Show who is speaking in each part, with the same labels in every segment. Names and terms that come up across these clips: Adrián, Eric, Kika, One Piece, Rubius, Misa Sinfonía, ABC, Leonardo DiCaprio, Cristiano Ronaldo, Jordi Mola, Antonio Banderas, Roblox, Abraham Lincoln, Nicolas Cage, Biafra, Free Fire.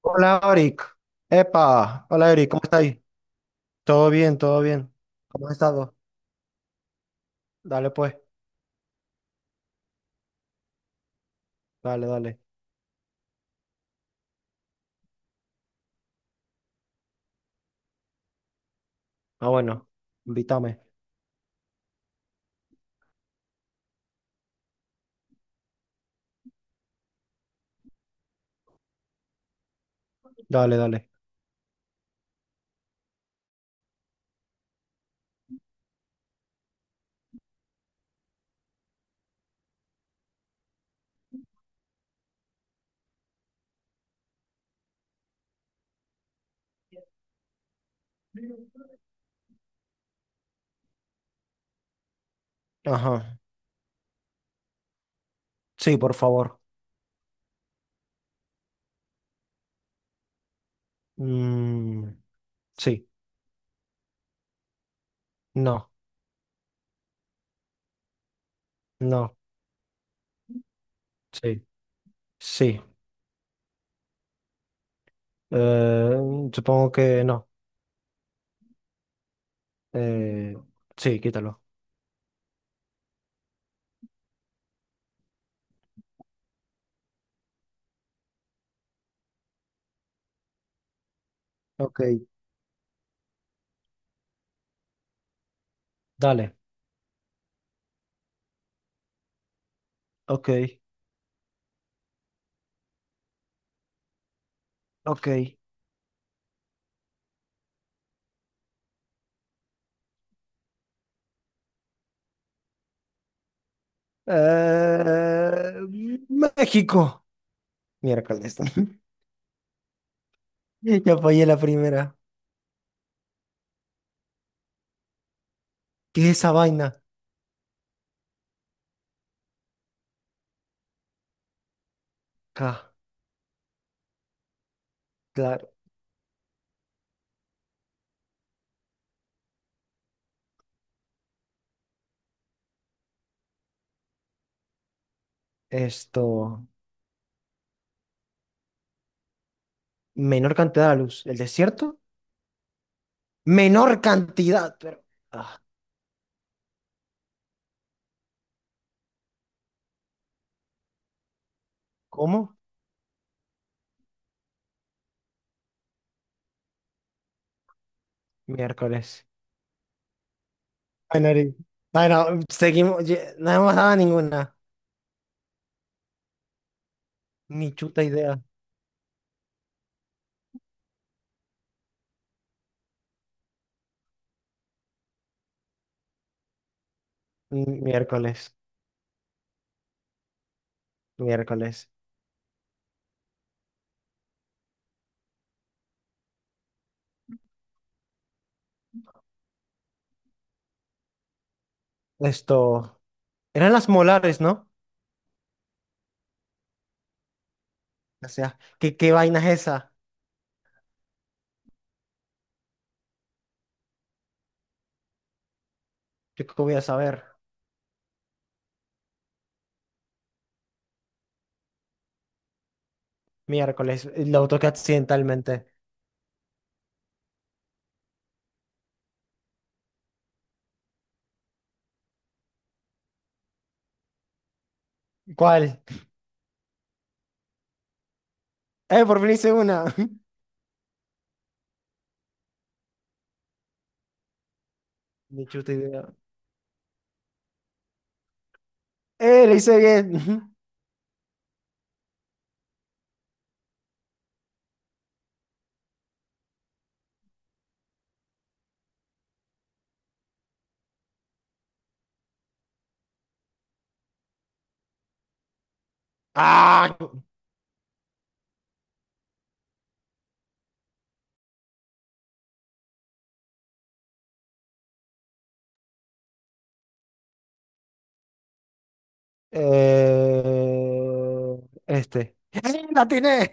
Speaker 1: Hola, Eric. Epa, hola, Eric, ¿cómo estáis? Todo bien, todo bien. ¿Cómo has estado? Dale, pues, dale, dale. Ah, bueno, invítame. Dale, dale. Ajá. Sí, por favor. Mm, sí, no, no, sí, sí. Eh, Supongo que no. Eh, sí, quítalo. Ok, dale. Ok, ok. Eh, México. Miércoles. Ya fallé la primera. ¿Qué es esa vaina? Ah, claro. Esto, menor cantidad de luz. ¿El desierto? Menor cantidad, pero... Ah, ¿cómo? Miércoles. Ay, nariz. Ay, no, seguimos, no hemos dado ninguna, ni chuta idea. Mm, Miércoles, miércoles. Esto, eran las molares, ¿no? O sea, ¿qué vaina es esa? Yo qué voy a saber. Miércoles, lo toqué accidentalmente. ¿Cuál? Por fin hice una. Ni chuta idea. Le hice bien. ¡Ah! Eh, este. ¡Eh, ¡La atiné!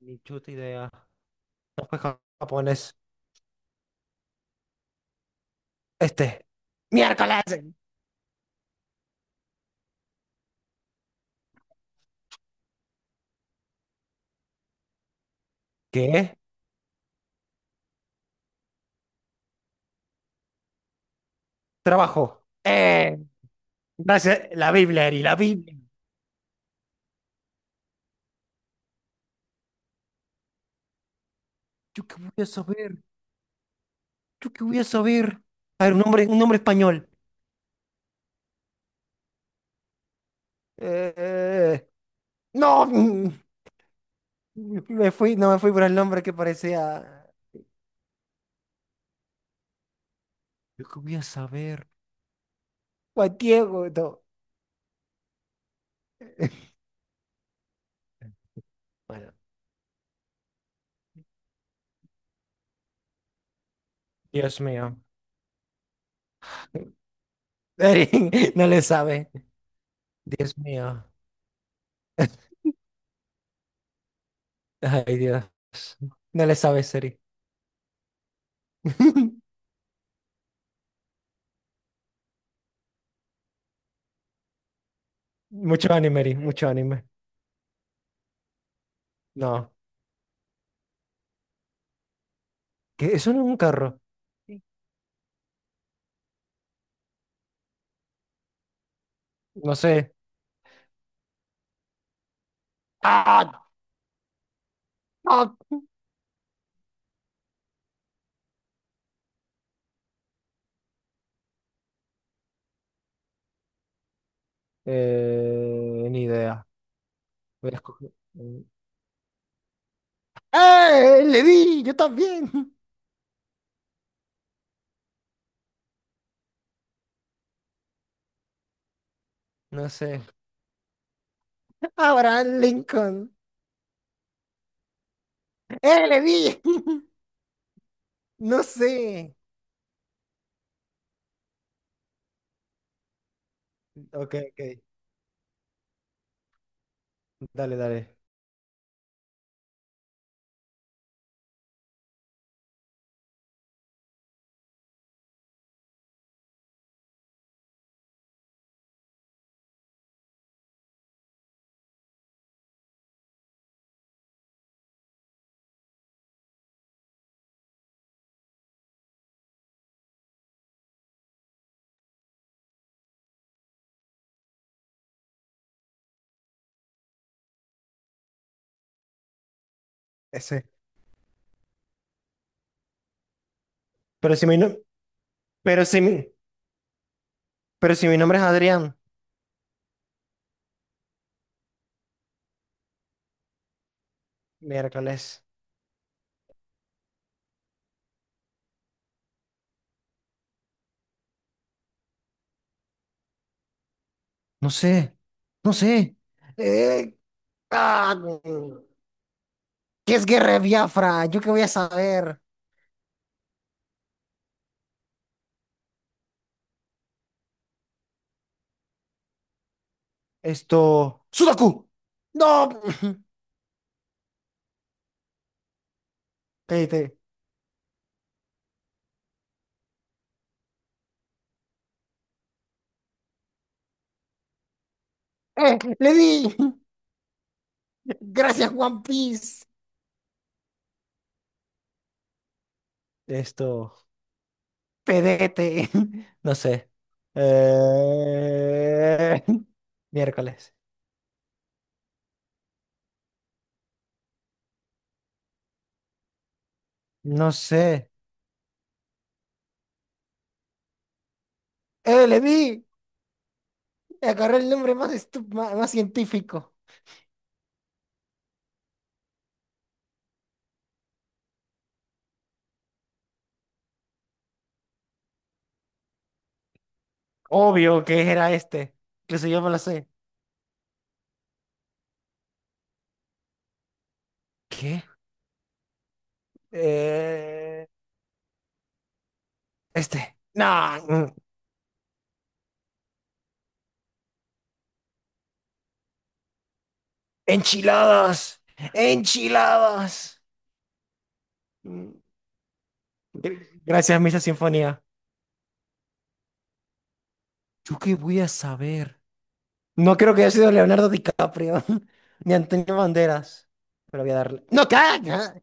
Speaker 1: Ni chuta idea. No fue japonés. Este. Miércoles. ¿Qué? Trabajo. Gracias. La Biblia, Eri, la Biblia. ¿Yo qué voy a saber? ¿Yo qué voy a saber? A ver, un nombre español. Eh, eh, no, me fui, no me fui por el nombre que parecía. ¿Yo qué voy a saber? Juan Diego, no. Bueno, Dios mío. Eri, no le sabe. Dios mío. Ay, Dios. No le sabes, Seri. Mucho anime, Eri, mucho anime. No. ¿Qué? Eso no es un carro. No sé. ¡Ah! ¡Ah! Ni idea. Voy a escoger- ¡Eh! ¡Le di! ¡Yo también! No sé. Abraham Lincoln. ¡Eh! ¡Le di! No sé. Ok, ok. Dale, dale. Ese. Pero si mi, no- pero si mi, pero si mi nombre es Adrián. Miércoles. No sé, no sé. Eh, ah, ¿Qué es guerra de Biafra? ¿Yo qué voy a saber? Esto. ¡Sudoku! ¡No! Pedete. ¡Eh! ¡Le di! Gracias, One Piece. Esto. Pedete. No sé. Eh, Miércoles. No sé. ¡Eh! ¡Le di! Agarré el nombre más, más, más científico. Obvio que era este. Incluso yo me lo sé. ¿Qué? Eh, este. Nah, enchiladas. Enchiladas. Mm, Gracias, Misa Sinfonía. ¿Yo qué voy a saber? No creo que haya sido Leonardo DiCaprio, ni Antonio Banderas. Pero voy a darle. ¡No, ca!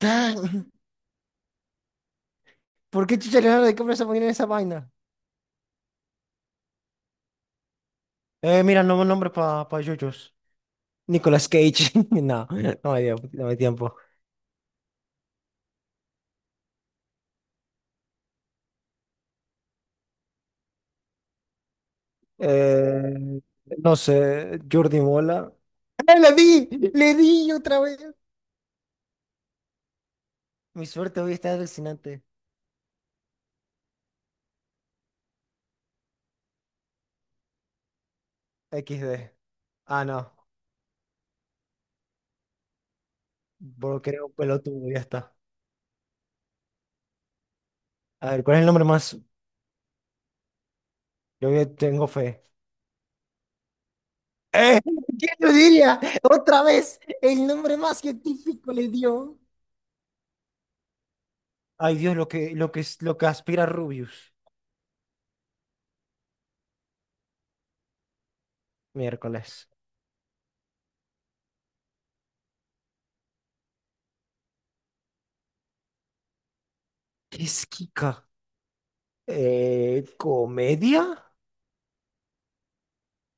Speaker 1: Ca. ¿Por qué chucha Leonardo DiCaprio se pone en esa vaina? Mira, nuevo nombre para pa' Yoyos. Nicolas Cage. No, no hay tiempo. Eh, no sé, Jordi Mola. ¡Ah, la di! ¡Le di otra vez! Mi suerte hoy está alucinante. Equis de Ah, no. Bueno, creo pelotudo, ya está. A ver, ¿cuál es el nombre más? Yo ya tengo fe. ¡Eh! ¿Quién lo diría? Otra vez, el nombre más científico le dio. Ay, Dios, lo que aspira Rubius. Miércoles. ¿Qué es Kika? ¿Comedia?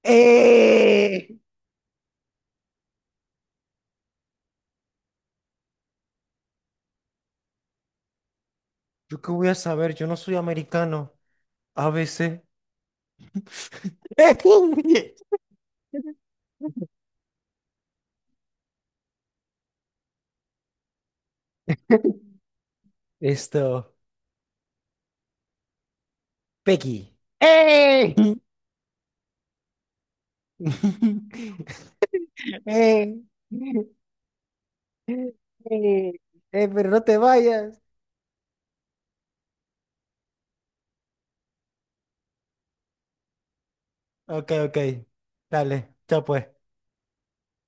Speaker 1: ¡Eh! ¿Yo qué voy a saber? Yo no soy americano. A ABC. Esto. Peggy. ¡Eh! Eh, eh, pero no te vayas. Ok, ok. Dale, chao pues.